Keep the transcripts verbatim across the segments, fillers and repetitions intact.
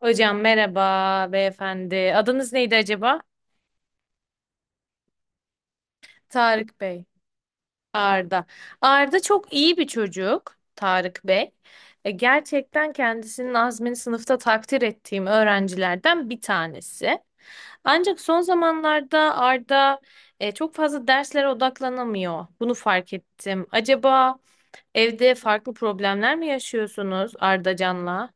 Hocam merhaba beyefendi. Adınız neydi acaba? Tarık Bey. Arda. Arda çok iyi bir çocuk. Tarık Bey. E, gerçekten kendisinin azmini sınıfta takdir ettiğim öğrencilerden bir tanesi. Ancak son zamanlarda Arda e, çok fazla derslere odaklanamıyor. Bunu fark ettim. Acaba evde farklı problemler mi yaşıyorsunuz Ardacan'la?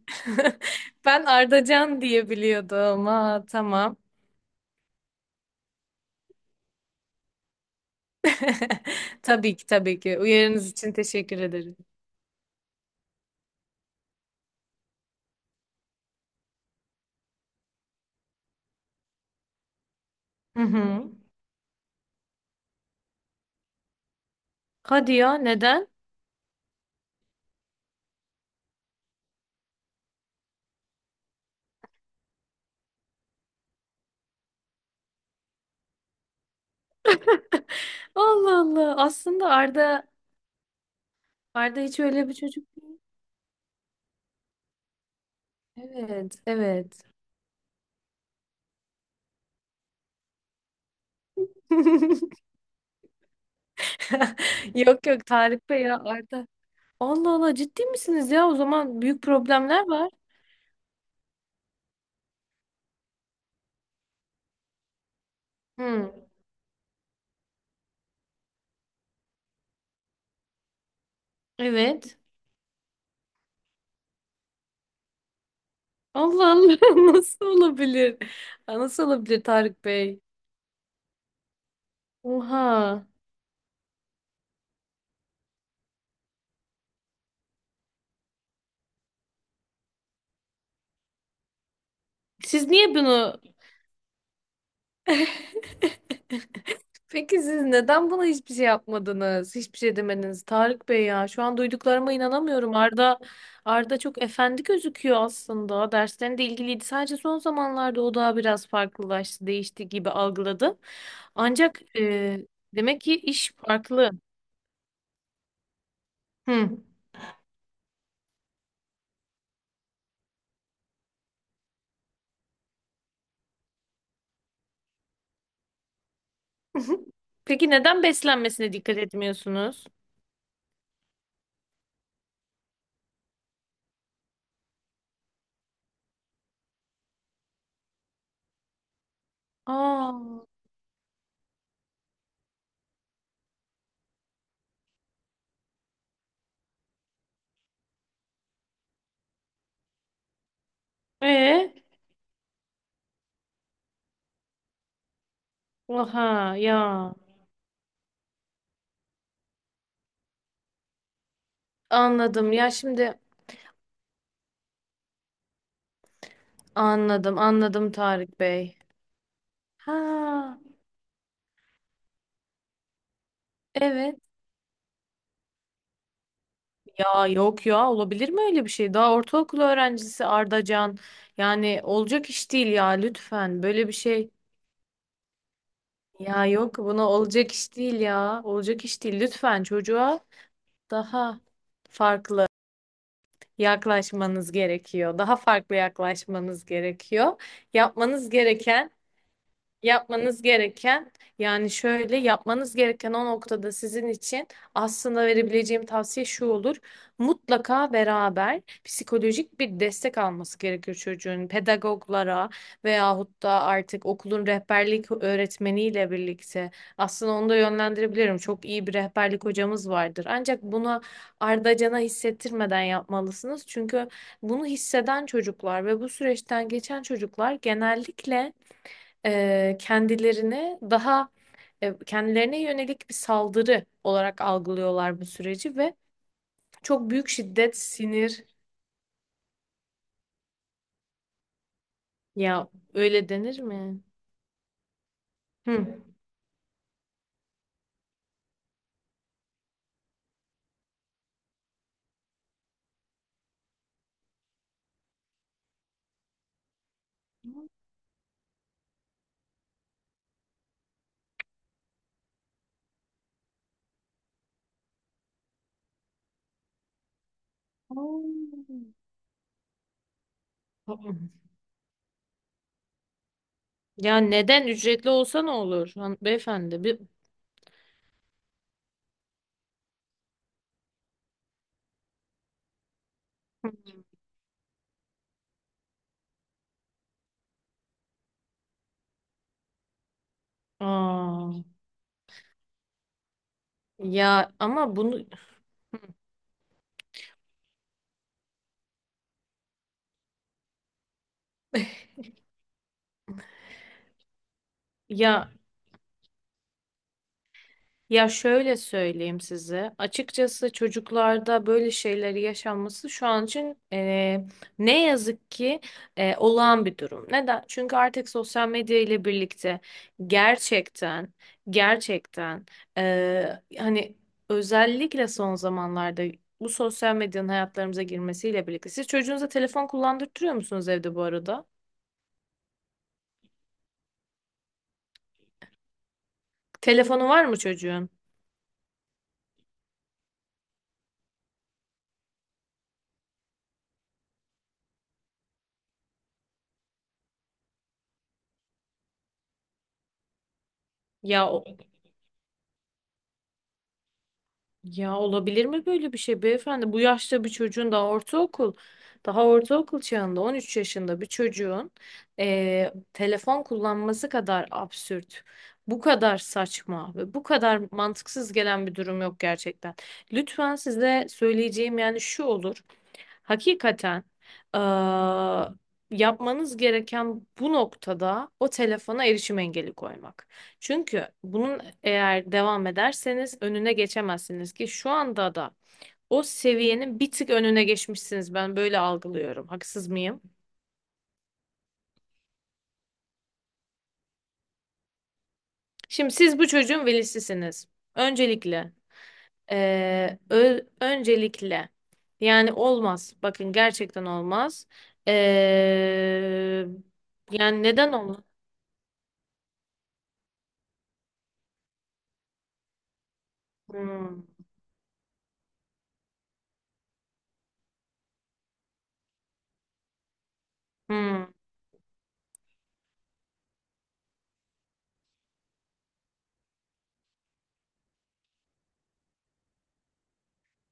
Ben Ardacan diye biliyordum. Ha, tamam. Tabii ki tabii ki. Uyarınız için teşekkür ederim. Hı hı. Hadi ya, neden? Allah Allah. Aslında Arda Arda hiç öyle bir çocuk değil. Evet, evet. Yok yok Tarık Bey ya, Arda. Allah Allah, ciddi misiniz ya? O zaman büyük problemler var. Hı. Evet. Allah Allah. Nasıl olabilir? Nasıl olabilir Tarık Bey? Oha. Siz niye bunu... Peki siz neden buna hiçbir şey yapmadınız? Hiçbir şey demediniz Tarık Bey ya. Şu an duyduklarıma inanamıyorum. Arda Arda çok efendi gözüküyor aslında. Derslerinde ilgiliydi. Sadece son zamanlarda o daha biraz farklılaştı, değişti gibi algıladı. Ancak e, demek ki iş farklı. Hı. Peki neden beslenmesine dikkat etmiyorsunuz? Aa, e, aha ya. Anladım. Ya şimdi... Anladım, anladım Tarık Bey. Ha, evet. Ya yok ya, olabilir mi öyle bir şey? Daha ortaokul öğrencisi Ardacan. Yani olacak iş değil ya, lütfen böyle bir şey. Ya yok, buna olacak iş değil ya. Olacak iş değil, lütfen çocuğa daha farklı yaklaşmanız gerekiyor. Daha farklı yaklaşmanız gerekiyor. Yapmanız gereken Yapmanız gereken yani şöyle yapmanız gereken o noktada sizin için aslında verebileceğim tavsiye şu olur. Mutlaka beraber psikolojik bir destek alması gerekiyor çocuğun. Pedagoglara veyahut da artık okulun rehberlik öğretmeniyle birlikte aslında onu da yönlendirebilirim. Çok iyi bir rehberlik hocamız vardır. Ancak bunu ardacana hissettirmeden yapmalısınız. Çünkü bunu hisseden çocuklar ve bu süreçten geçen çocuklar genellikle e, kendilerini daha e, kendilerine yönelik bir saldırı olarak algılıyorlar bu süreci ve çok büyük şiddet, sinir... Ya öyle denir mi? Hı. Aa. Ya neden ücretli olsa ne olur Han- beyefendi? Bir... Aa, ya ama bunu ya... Ya şöyle söyleyeyim size. Açıkçası çocuklarda böyle şeyleri yaşanması şu an için eee, ne yazık ki eee, olağan bir durum. Neden? Çünkü artık sosyal medya ile birlikte gerçekten gerçekten eee, hani özellikle son zamanlarda bu sosyal medyanın hayatlarımıza girmesiyle birlikte. Siz çocuğunuza telefon kullandırtıyor musunuz evde bu arada? Telefonu var mı çocuğun? Ya o-... Ya olabilir mi böyle bir şey beyefendi? Bu yaşta bir çocuğun, daha ortaokul, daha ortaokul çağında on üç yaşında bir çocuğun eee, telefon kullanması kadar absürt, bu kadar saçma ve bu kadar mantıksız gelen bir durum yok gerçekten. Lütfen, size söyleyeceğim yani şu olur. Hakikaten eee, yapmanız gereken bu noktada o telefona erişim engeli koymak. Çünkü bunun eğer devam ederseniz önüne geçemezsiniz ki şu anda da o seviyenin bir tık önüne geçmişsiniz. Ben böyle algılıyorum. Haksız mıyım? Şimdi siz bu çocuğun velisisiniz. Öncelikle eee, ö- öncelikle yani olmaz. Bakın gerçekten olmaz. Eee, Yani neden olmaz? Hmm. Hmm.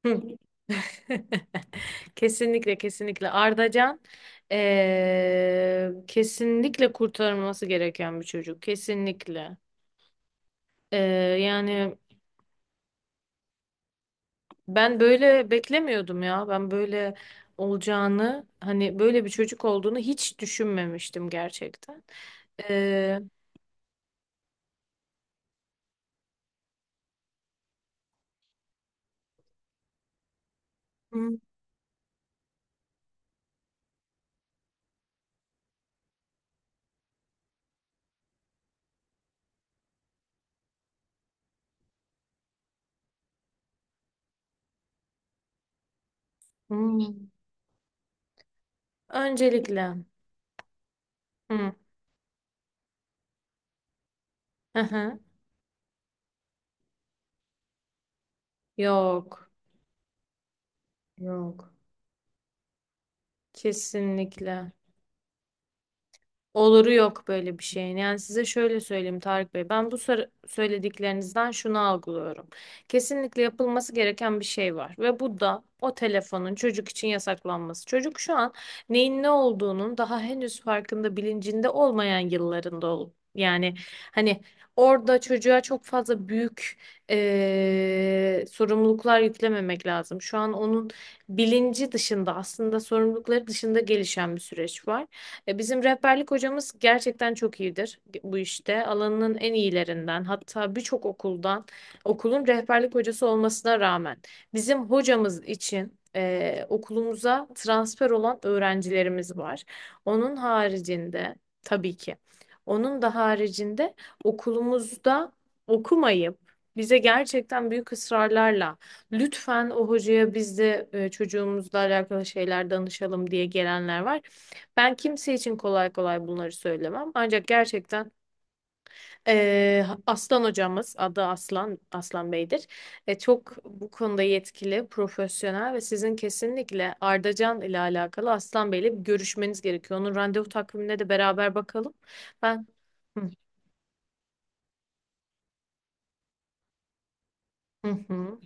Hı. Kesinlikle, kesinlikle Ardacan eee, kesinlikle kurtarılması gereken bir çocuk, kesinlikle. Eee, Yani ben böyle beklemiyordum ya, ben böyle olacağını, hani böyle bir çocuk olduğunu hiç düşünmemiştim gerçekten. Eee, hı, hı. Öncelikle hı, hı hı. Yok, yok, kesinlikle. Oluru yok böyle bir şeyin. Yani size şöyle söyleyeyim Tarık Bey. Ben bu sor- söylediklerinizden şunu algılıyorum. Kesinlikle yapılması gereken bir şey var. Ve bu da o telefonun çocuk için yasaklanması. Çocuk şu an neyin ne olduğunun daha henüz farkında, bilincinde olmayan yıllarında ol. Yani hani orada çocuğa çok fazla büyük eee, sorumluluklar yüklememek lazım. Şu an onun bilinci dışında, aslında sorumlulukları dışında gelişen bir süreç var. E, bizim rehberlik hocamız gerçekten çok iyidir bu işte. Alanının en iyilerinden, hatta birçok okuldan, okulun rehberlik hocası olmasına rağmen bizim hocamız için e, okulumuza transfer olan öğrencilerimiz var. Onun haricinde, tabii ki onun da haricinde, okulumuzda okumayıp bize gerçekten büyük ısrarlarla lütfen o hocaya biz de e, çocuğumuzla alakalı şeyler danışalım diye gelenler var. Ben kimse için kolay kolay bunları söylemem. Ancak gerçekten eee, Aslan hocamız, adı Aslan, Aslan Bey'dir. E, çok bu konuda yetkili, profesyonel ve sizin kesinlikle Ardacan ile alakalı Aslan Bey'le bir görüşmeniz gerekiyor. Onun randevu takvimine de beraber bakalım. Ben... Hı hı.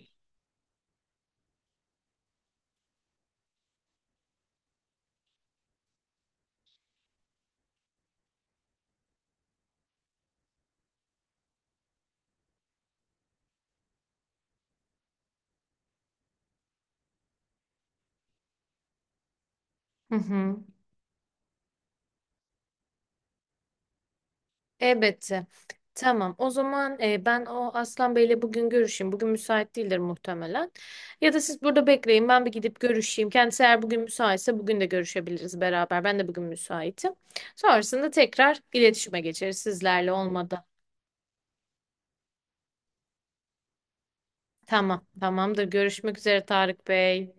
Hı hı. Elbette. Tamam. O zaman e, ben o Aslan Bey'le bugün görüşeyim. Bugün müsait değildir muhtemelen. Ya da siz burada bekleyin. Ben bir gidip görüşeyim. Kendisi eğer bugün müsaitse bugün de görüşebiliriz beraber. Ben de bugün müsaitim. Sonrasında tekrar iletişime geçeriz sizlerle, olmadı. Tamam. Tamamdır. Görüşmek üzere Tarık Bey.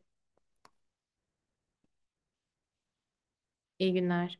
İyi günler.